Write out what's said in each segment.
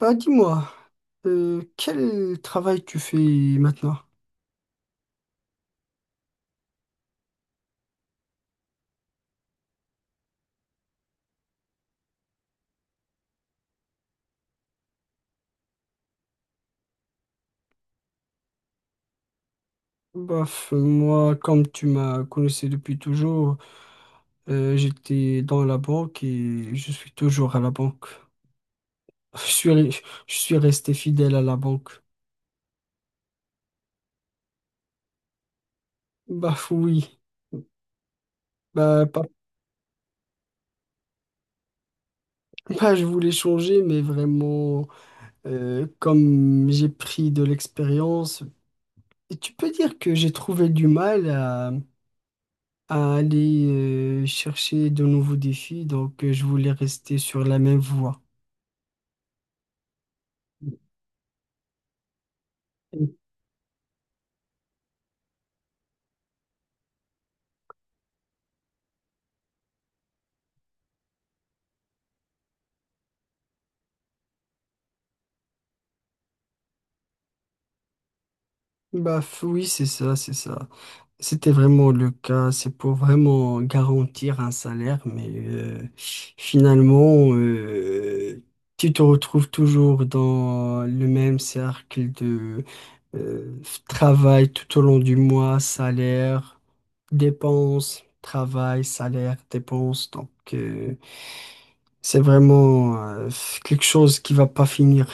Bah dis-moi, quel travail tu fais maintenant? Bof, moi, comme tu m'as connaissé depuis toujours, j'étais dans la banque et je suis toujours à la banque. Je suis resté fidèle à la banque. Bah oui, bah, pas, pas je voulais changer, mais vraiment, comme j'ai pris de l'expérience, et tu peux dire que j'ai trouvé du mal à aller chercher de nouveaux défis, donc je voulais rester sur la même voie. Oui, c'est ça, c'est ça. C'était vraiment le cas, c'est pour vraiment garantir un salaire, mais finalement, tu te retrouves toujours dans le même cercle de euh, travail tout au long du mois, salaire, dépenses, travail, salaire, dépenses. Donc, c'est vraiment quelque chose qui va pas finir.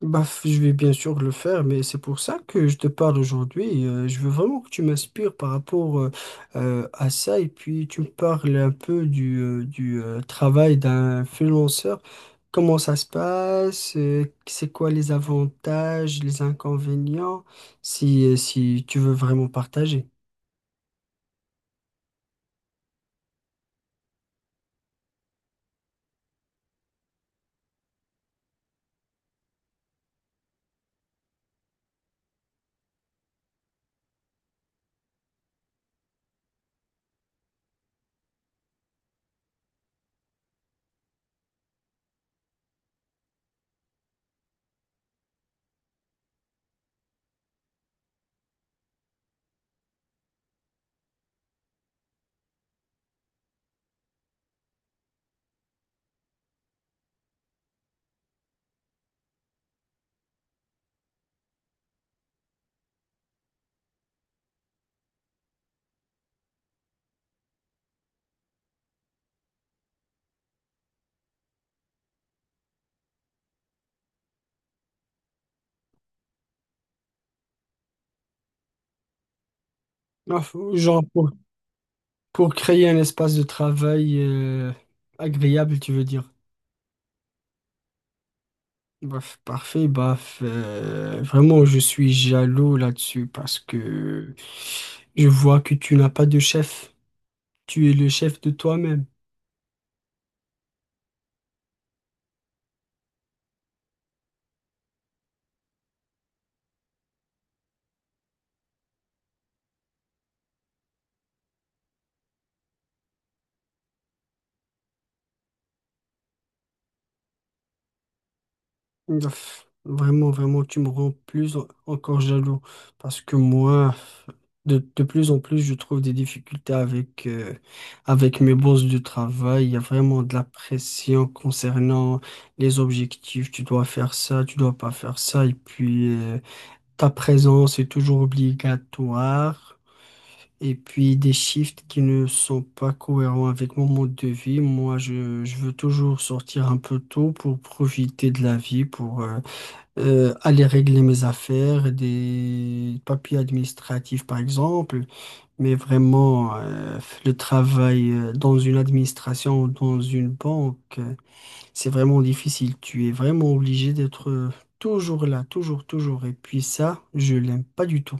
Je vais bien sûr le faire, mais c'est pour ça que je te parle aujourd'hui. Je veux vraiment que tu m'inspires par rapport à ça et puis tu me parles un peu du travail d'un freelanceur. Comment ça se passe? C'est quoi les avantages, les inconvénients, si tu veux vraiment partager. Ah, faut- Genre pour, pour créer un espace de travail agréable, tu veux dire. Parfait, vraiment, je suis jaloux là-dessus parce que je vois que tu n'as pas de chef. Tu es le chef de toi-même. Vraiment, vraiment, tu me rends plus encore jaloux parce que moi, de plus en plus, je trouve des difficultés avec, avec mes bosses de travail. Il y a vraiment de la pression concernant les objectifs. Tu dois faire ça, tu dois pas faire ça. Et puis, ta présence est toujours obligatoire. Et puis des shifts qui ne sont pas cohérents avec mon mode de vie. Moi, je veux toujours sortir un peu tôt pour profiter de la vie, pour aller régler mes affaires, des papiers administratifs par exemple. Mais vraiment, le travail dans une administration ou dans une banque, c'est vraiment difficile. Tu es vraiment obligé d'être toujours là, toujours, toujours. Et puis ça, je l'aime pas du tout.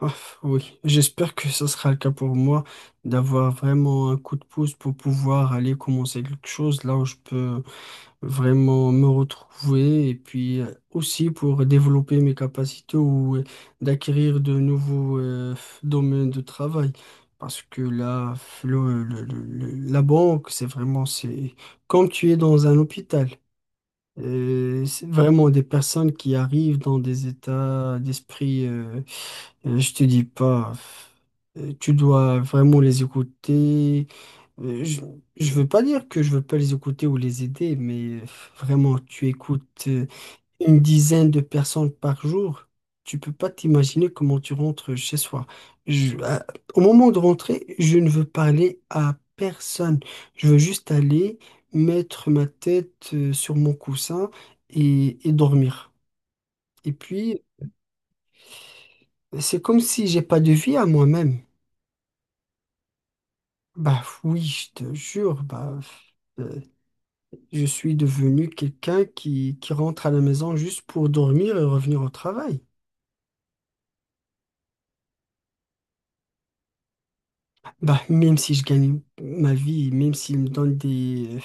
Ah, oui, j'espère que ça sera le cas pour moi d'avoir vraiment un coup de pouce pour pouvoir aller commencer quelque chose là où je peux vraiment me retrouver et puis aussi pour développer mes capacités ou d'acquérir de nouveaux domaines de travail. Parce que là, la banque, c'est vraiment, c'est comme tu es dans un hôpital. C'est vraiment des personnes qui arrivent dans des états d'esprit. Je te dis pas, tu dois vraiment les écouter. Euh, Je, je veux pas dire que je veux pas les écouter ou les aider, mais vraiment, tu écoutes une dizaine de personnes par jour. Tu peux pas t'imaginer comment tu rentres chez soi. Je- à- Au moment de rentrer, je ne veux parler à personne. Je veux juste aller mettre ma tête sur mon coussin et dormir. Et puis, c'est comme si j'ai pas de vie à moi-même. Bah oui, je te jure, bah, euh, je suis devenu quelqu'un qui rentre à la maison juste pour dormir et revenir au travail. Bah même si je gagne ma vie, même s'il me donne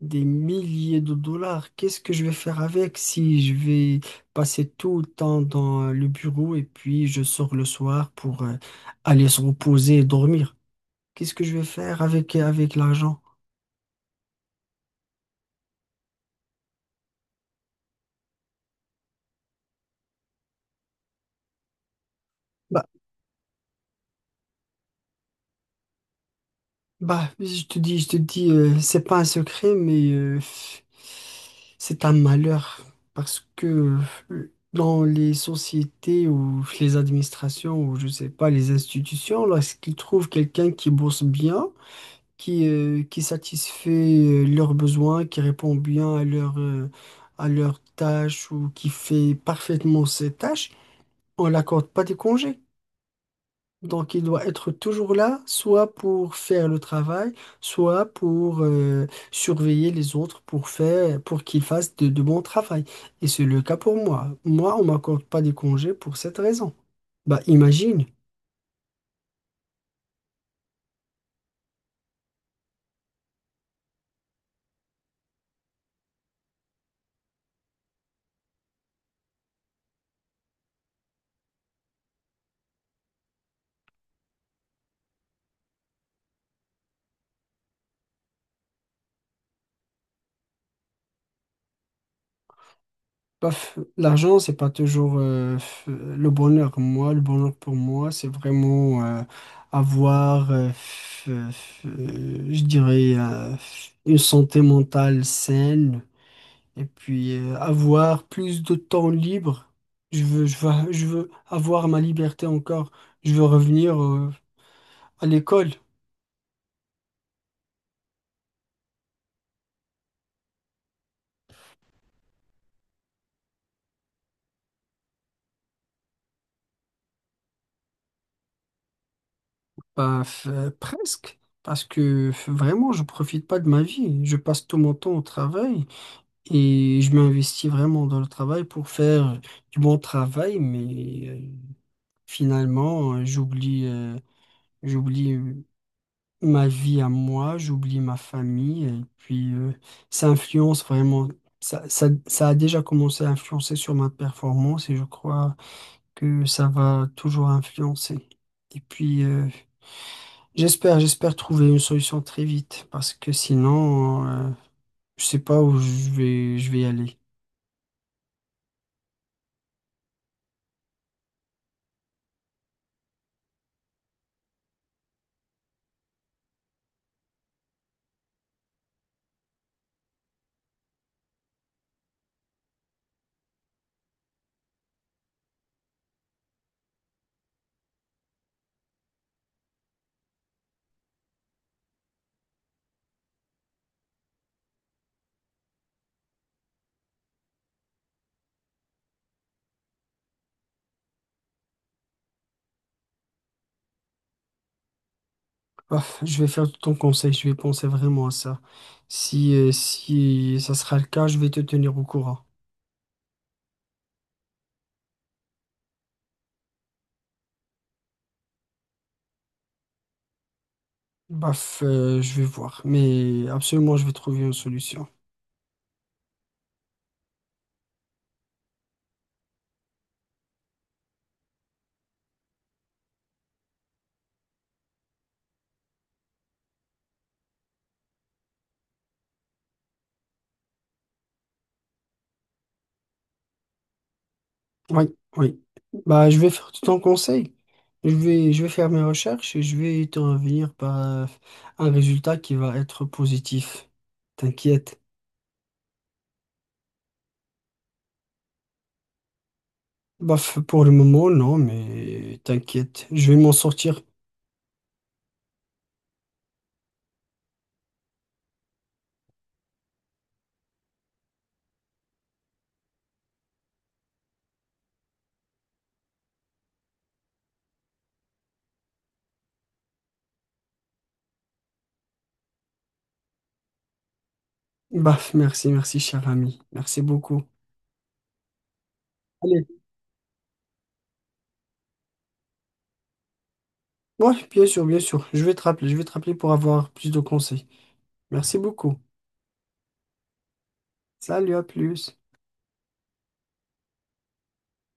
des milliers de dollars, qu'est-ce que je vais faire avec si je vais passer tout le temps dans le bureau et puis je sors le soir pour aller se reposer et dormir? Qu'est-ce que je vais faire avec, avec l'argent? Bah, je te dis, c'est pas un secret, mais c'est un malheur parce que dans les sociétés ou les administrations ou je sais pas, les institutions, lorsqu'ils trouvent quelqu'un qui bosse bien, qui satisfait leurs besoins, qui répond bien à leurs tâches ou qui fait parfaitement ses tâches, on l'accorde pas des congés. Donc, il doit être toujours là, soit pour faire le travail, soit pour surveiller les autres pour faire, pour qu'ils fassent de bons travail. Et c'est le cas pour moi. Moi, on m'accorde pas des congés pour cette raison. Bah, imagine. Paf, l'argent, c'est pas toujours le bonheur. Moi, le bonheur pour moi, c'est vraiment avoir, je dirais, une santé mentale saine. Et puis avoir plus de temps libre. Je veux avoir ma liberté encore. Je veux revenir à l'école. Presque. Parce que vraiment, je profite pas de ma vie. Je passe tout mon temps au travail et je m'investis vraiment dans le travail pour faire du bon travail. Mais finalement, j'oublie ma vie à moi, j'oublie ma famille et puis ça influence vraiment, ça a déjà commencé à influencer sur ma performance et je crois que ça va toujours influencer. Et puis j'espère trouver une solution très vite parce que sinon, je sais pas où je vais aller. Ah, je vais faire ton conseil, je vais penser vraiment à ça. Si ça sera le cas, je vais te tenir au courant. Je vais voir, mais absolument, je vais trouver une solution. Oui, oui. Bah, je vais faire tout ton conseil. Je vais faire mes recherches et je vais te revenir par euh, un résultat qui va être positif. T'inquiète. Baf, pour le moment, non, mais t'inquiète, je vais m'en sortir. Baf, merci, merci, cher ami. Merci beaucoup. Allez. Oui, bien sûr, bien sûr. Je vais te rappeler pour avoir plus de conseils. Merci beaucoup. Salut, à plus.